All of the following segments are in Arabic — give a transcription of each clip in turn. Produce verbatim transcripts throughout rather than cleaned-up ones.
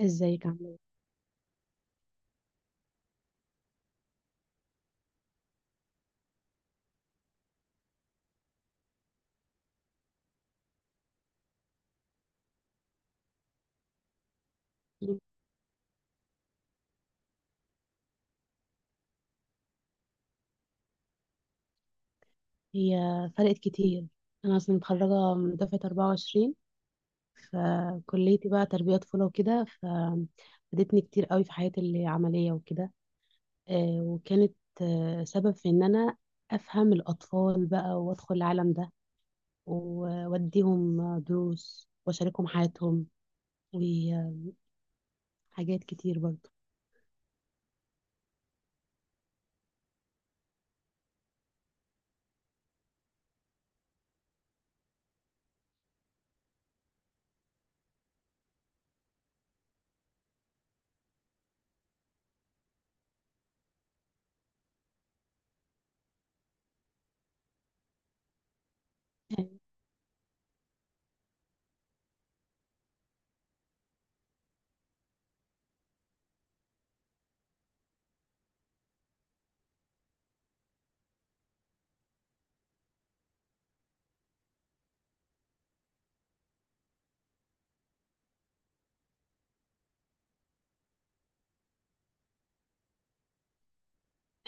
ازيك عاملة ايه؟ طيب، هي فرقت كتير. انا اصلا متخرجة من دفعة اربعة وعشرين. فكليتي بقى تربية طفولة وكده ففادتني كتير قوي في حياتي العملية وكده. آه، وكانت آه، سبب في ان انا افهم الاطفال بقى وادخل العالم ده و- واديهم دروس واشاركهم حياتهم وحاجات كتير برضه.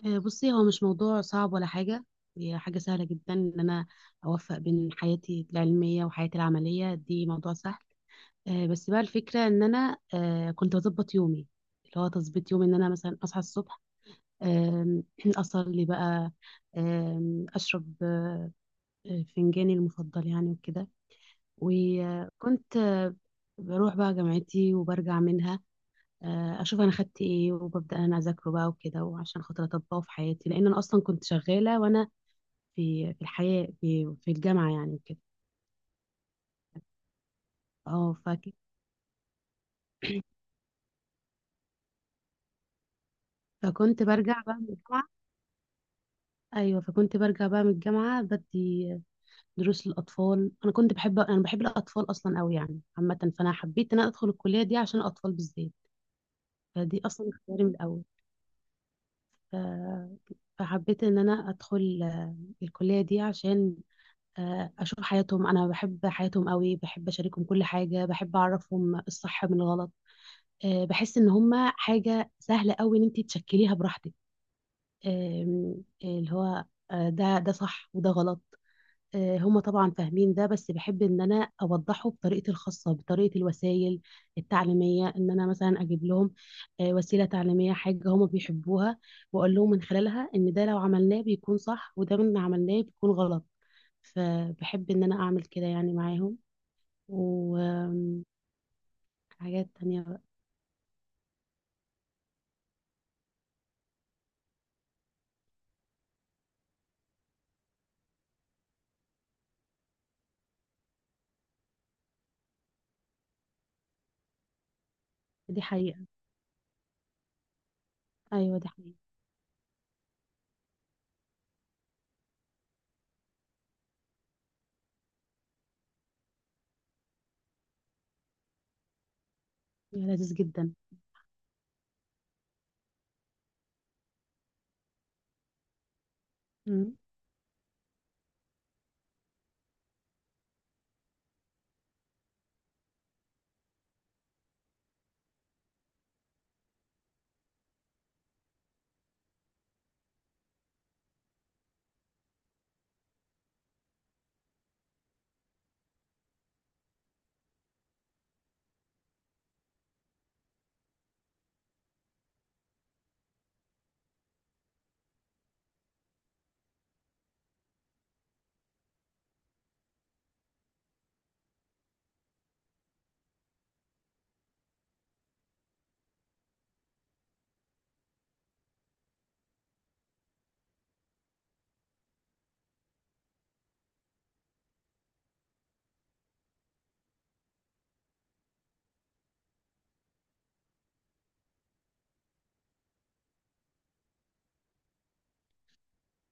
آه، بصي هو مش موضوع صعب ولا حاجة. هي حاجة سهلة جدا إن أنا أوفق بين حياتي العلمية وحياتي العملية، دي موضوع سهل. آه، بس بقى الفكرة إن أنا آه، كنت بظبط يومي، اللي هو تظبيط يومي، إن أنا مثلا أصحى الصبح. آم، أصلي بقى. آم، أشرب آه، آه، فنجاني المفضل يعني وكده. وكنت آه، بروح بقى جامعتي وبرجع منها. آه، اشوف انا خدت ايه وببدا انا اذاكره بقى وكده، وعشان خاطر اطبقه في حياتي لان انا اصلا كنت شغاله وانا في في الحياه في, في الجامعه يعني وكده. اه فك... فكنت برجع بقى من الجامعه. ايوه فكنت برجع بقى من الجامعه بدي دروس للاطفال. انا كنت بحب انا بحب الاطفال اصلا قوي يعني عامه. فانا حبيت ان انا ادخل الكليه دي عشان الاطفال بالذات. فدي اصلا اختياري من الاول. ف... فحبيت ان انا ادخل الكليه دي عشان آه، اشوف حياتهم. انا بحب حياتهم قوي، بحب اشاركهم كل حاجه، بحب اعرفهم الصح من الغلط. آه، بحس ان هما حاجه سهله قوي ان انت تشكليها براحتك. آم، اللي هو آه، ده ده صح وده غلط. آه، هما طبعا فاهمين ده، بس بحب ان انا اوضحه بطريقتي الخاصه، بطريقه الوسائل التعليميه، ان انا مثلا اجيب لهم آه، وسيله تعليميه، حاجه هما بيحبوها، واقول لهم من خلالها ان ده لو عملناه بيكون صح وده من عملناه بيكون غلط. فبحب ان انا اعمل كده يعني معاهم وحاجات تانية بقى. دي حقيقة. ايوه دي حقيقة. يا لذيذ جدا. مم.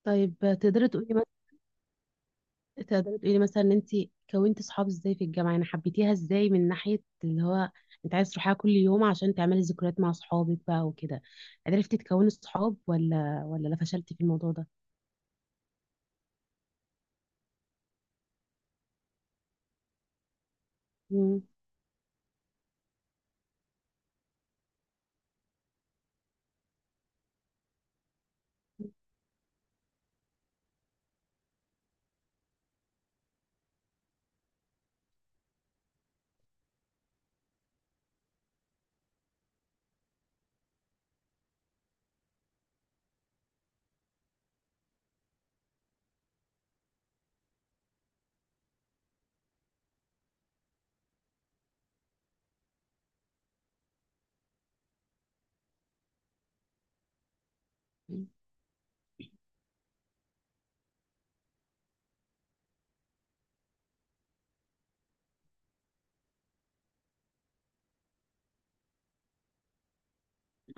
طيب، تقدري تقولي مثلا، تقدري تقولي مثلا ان انت كونتي صحاب ازاي في الجامعة؟ يعني حبيتيها ازاي من ناحية اللي هو انت عايز تروحيها كل يوم عشان تعملي ذكريات مع صحابك بقى وكده؟ عرفتي تكوني صحاب ولا ولا لا فشلتي في الموضوع ده؟ مم.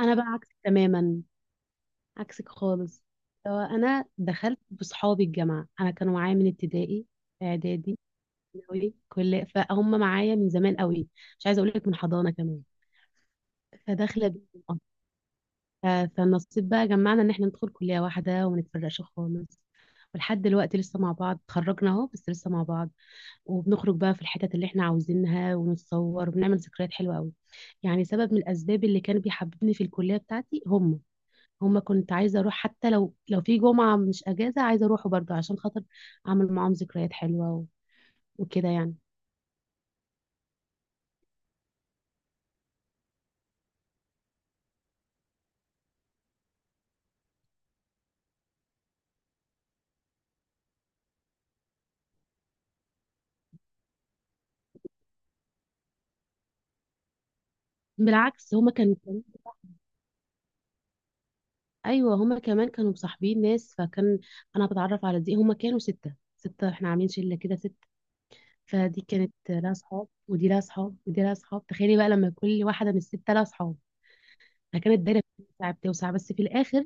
انا بقى عكسك تماما، عكسك خالص. هو انا دخلت بصحابي الجامعه، انا كانوا معايا من ابتدائي، اعدادي، ثانوي، كل فهم معايا من زمان قوي. مش عايزه اقول لك من حضانه كمان. فداخله بيهم. أه. ف- فالنصيب بقى جمعنا ان احنا ندخل كليه واحده وما نتفرقش خالص. ولحد دلوقتي لسه مع بعض، اتخرجنا اهو بس لسه مع بعض. وبنخرج بقى في الحتت اللي احنا عاوزينها ونتصور وبنعمل ذكريات حلوه قوي. يعني سبب من الاسباب اللي كان بيحببني في الكليه بتاعتي هم هما، كنت عايزة أروح حتى لو لو في جمعة مش أجازة، عايزة أروحه برضه عشان خاطر أعمل معاهم ذكريات حلوة و- وكده يعني. بالعكس هما كانوا كمان- أيوة، هما كمان كانوا مصاحبين ناس، فكان أنا بتعرف على دي. هما كانوا ستة ستة، إحنا عاملين شلة كده ستة. فدي كانت لها صحاب ودي لها صحاب ودي لها صحاب، تخيلي بقى لما كل واحدة من الستة لها صحاب. فكانت الدايرة بتوسع بتوسع، بس في الآخر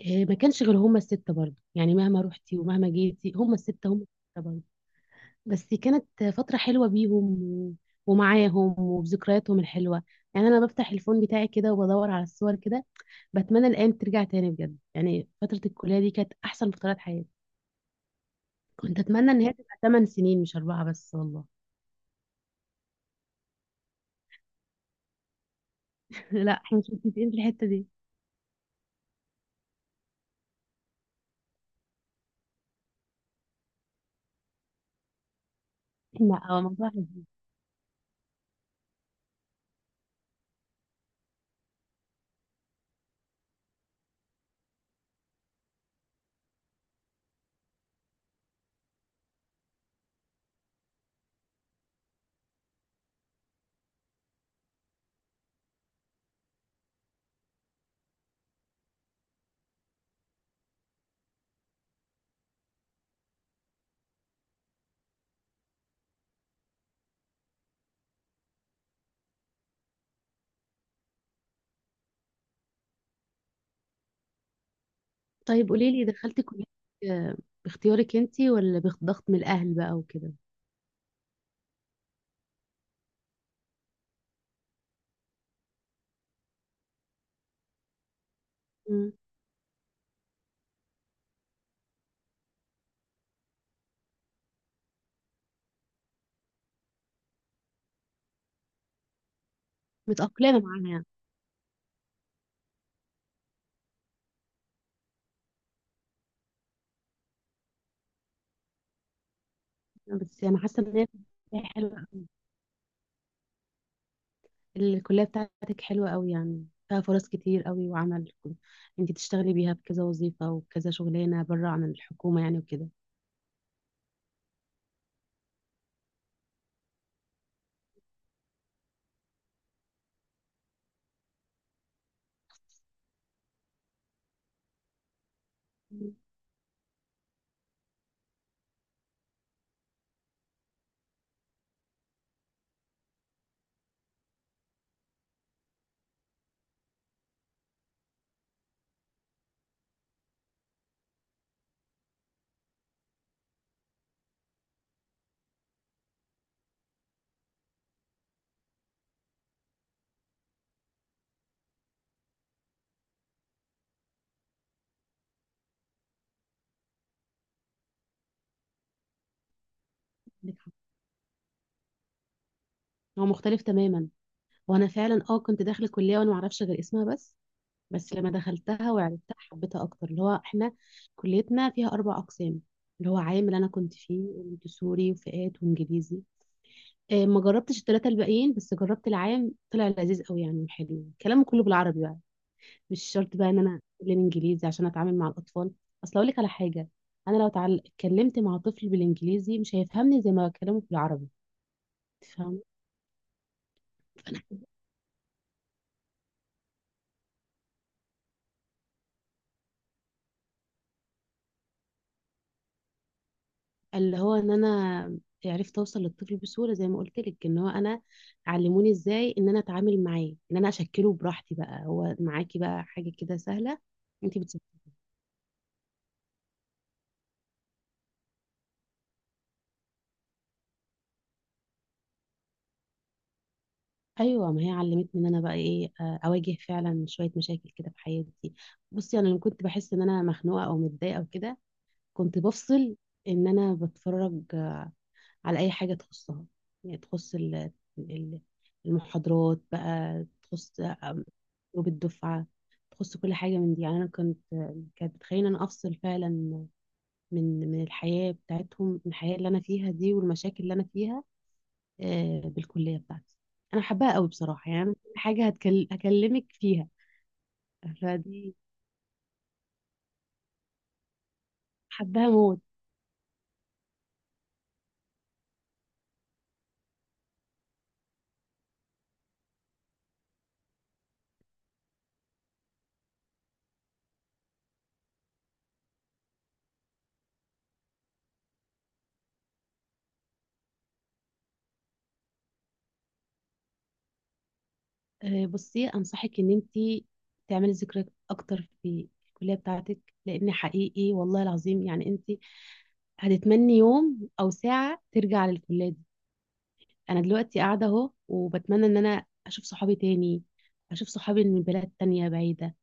آه، ما كانش غير هما الستة برضه. يعني مهما روحتي ومهما جيتي هما الستة، هما الستة برضه. بس كانت فترة حلوة بيهم و- ومعاهم وبذكرياتهم الحلوة. يعني أنا بفتح الفون بتاعي كده وبدور على الصور كده، بتمنى الأيام ترجع تاني بجد. يعني فترة الكلية دي كانت أحسن فترات حياتي، كنت أتمنى إن هي تبقى ثماني سنين مش أربعة بس والله. لا احنا مش متفقين في الحتة دي. لا هو موضوع حلو. طيب قولي لي، دخلتي كلية آه، باختيارك انتي ولا بضغط من الأهل بقى وكده؟ مم. متأقلمة معاها يعني. بس أنا حاسة إن هي حلوة، الكلية بتاعتك حلوة قوي، يعني فيها فرص كتير قوي، وعمل انت تشتغلي بيها في كذا وظيفة وكذا شغلانة بره عن الحكومة يعني وكده. مم. عندك حق. هو مختلف تماما. وانا فعلا اه كنت داخل الكلية وانا معرفش غير اسمها بس. بس لما دخلتها وعرفتها حبيتها اكتر. اللي هو احنا كليتنا فيها اربع اقسام، اللي هو عام، اللي انا كنت فيه، وسوري، وفئات، وانجليزي. آه، ما جربتش الثلاثة الباقيين بس جربت العام، طلع لذيذ قوي يعني وحلو، كلامه كله بالعربي بقى، مش شرط بقى ان انا اتكلم انجليزي عشان اتعامل مع الاطفال. اصل اقول لك على حاجه، انا لو تعل- اتكلمت مع طفل بالانجليزي مش هيفهمني زي ما بكلمه بالعربي، فاهم. اللي هو ان انا عرفت اوصل للطفل بسهوله زي ما قلت لك، ان هو انا علموني ازاي ان انا اتعامل معاه، ان انا اشكله براحتي بقى، هو معاكي بقى حاجه كده سهله. انت بتسيب. ايوه، ما هي علمتني ان انا بقى ايه، آه، اواجه فعلا شويه مشاكل كده في حياتي. بصي انا لما كنت بحس ان انا مخنوقه او متضايقه او كده كنت بفصل، ان انا بتفرج على اي حاجه تخصها، يعني تخص ال- ال- المحاضرات بقى، تخص جروب الدفعه، تخص كل حاجه من دي. يعني انا كنت، كانت بتخليني إن انا افصل فعلا من من الحياه بتاعتهم، من الحياه اللي انا فيها دي والمشاكل اللي انا فيها آه، بالكليه بتاعتي. انا حباها قوي بصراحه، يعني أنا كل حاجه هتكل- هكلمك فيها. فدي حباها موت. آه، بصي، انصحك ان انت تعملي ذكريات اكتر في الكليه بتاعتك، لان حقيقي والله العظيم يعني انت هتتمني يوم او ساعه ترجع للكليه دي. انا دلوقتي قاعده اهو وبتمنى ان انا اشوف صحابي تاني، اشوف صحابي من بلاد تانية بعيده،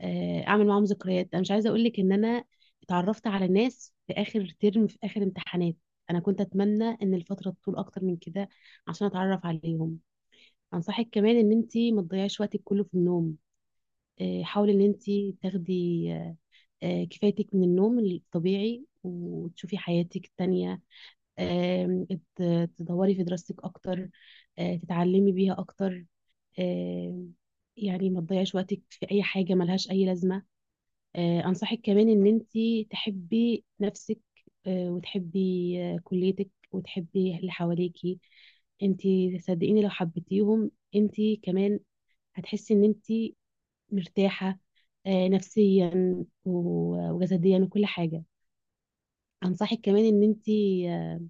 آه، اعمل معاهم ذكريات. انا مش عايزه اقول لك ان انا اتعرفت على ناس في اخر ترم، في اخر امتحانات، انا كنت اتمنى ان الفتره تطول اكتر من كده عشان اتعرف عليهم. انصحك كمان ان انت ما تضيعيش وقتك كله في النوم. آه، حاولي ان انت تاخدي آه، آه، كفايتك من النوم الطبيعي وتشوفي حياتك التانية. آم، ت- تدوري في دراستك اكتر، آه، تتعلمي بيها اكتر. آم، يعني ما تضيعيش وقتك في اي حاجة ملهاش اي لازمة. آه، انصحك كمان ان انت تحبي نفسك، آه، وتحبي آه، كليتك، وتحبي اللي حواليكي انت. صدقيني لو حبيتيهم انت كمان هتحسي ان انت مرتاحة آه، نفسيا و- وجسديا وكل حاجة. أنصحك كمان إن أنت آه،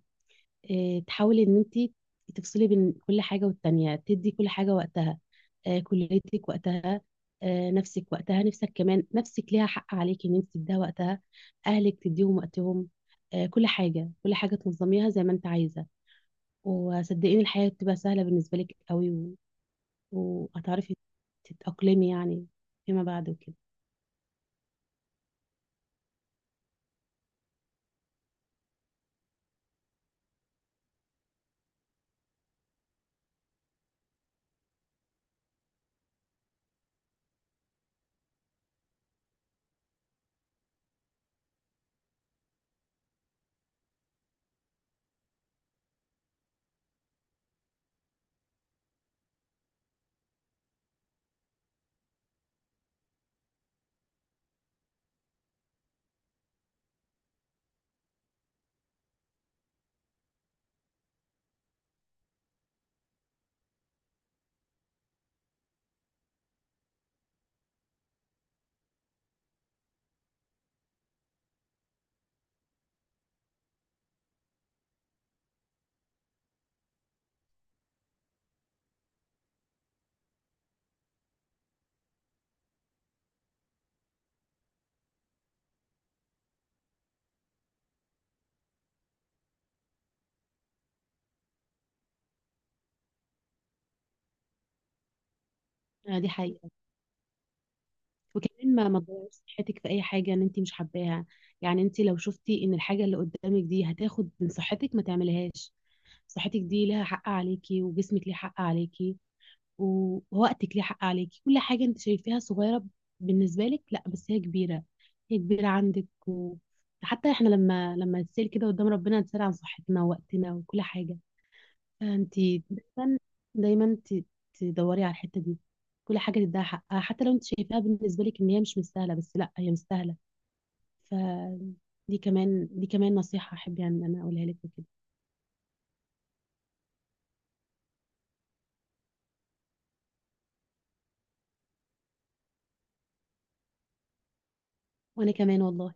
آه، تحاولي إن أنت تفصلي بين كل حاجة والتانية، تدي كل حاجة وقتها، آه، كليتك وقتها، آه، نفسك وقتها. نفسك كمان، نفسك ليها حق عليك إن أنت تديها وقتها. أهلك تديهم وقتهم. آه، كل حاجة، كل حاجة تنظميها زي ما أنت عايزة. وصدقيني الحياة بتبقى سهلة بالنسبة لك قوي و- وهتعرفي تتأقلمي يعني فيما بعد وكده. آه، دي حقيقة. وكمان ما ما تضيعيش صحتك في اي حاجه ان انت مش حباها. يعني انت لو شفتي ان الحاجه اللي قدامك دي هتاخد من صحتك ما تعملهاش. صحتك دي لها حق عليكي، وجسمك ليه حق عليكي و- ووقتك ليه حق عليكي. كل حاجه انت شايفاها صغيره بالنسبه لك، لا بس هي كبيره، هي كبيره عندك و... حتى احنا لما لما نتسال كده قدام ربنا نتسال عن صحتنا ووقتنا وكل حاجه. انتي دايما دايما ت- تدوري على الحته دي. كل حاجه تديها حقها، حتى لو انت شايفاها بالنسبه لك ان هي مش مستاهله، بس لا هي مستاهله. ف دي كمان، دي كمان نصيحه احب يعني ان انا اقولها لك وكده. وانا كمان والله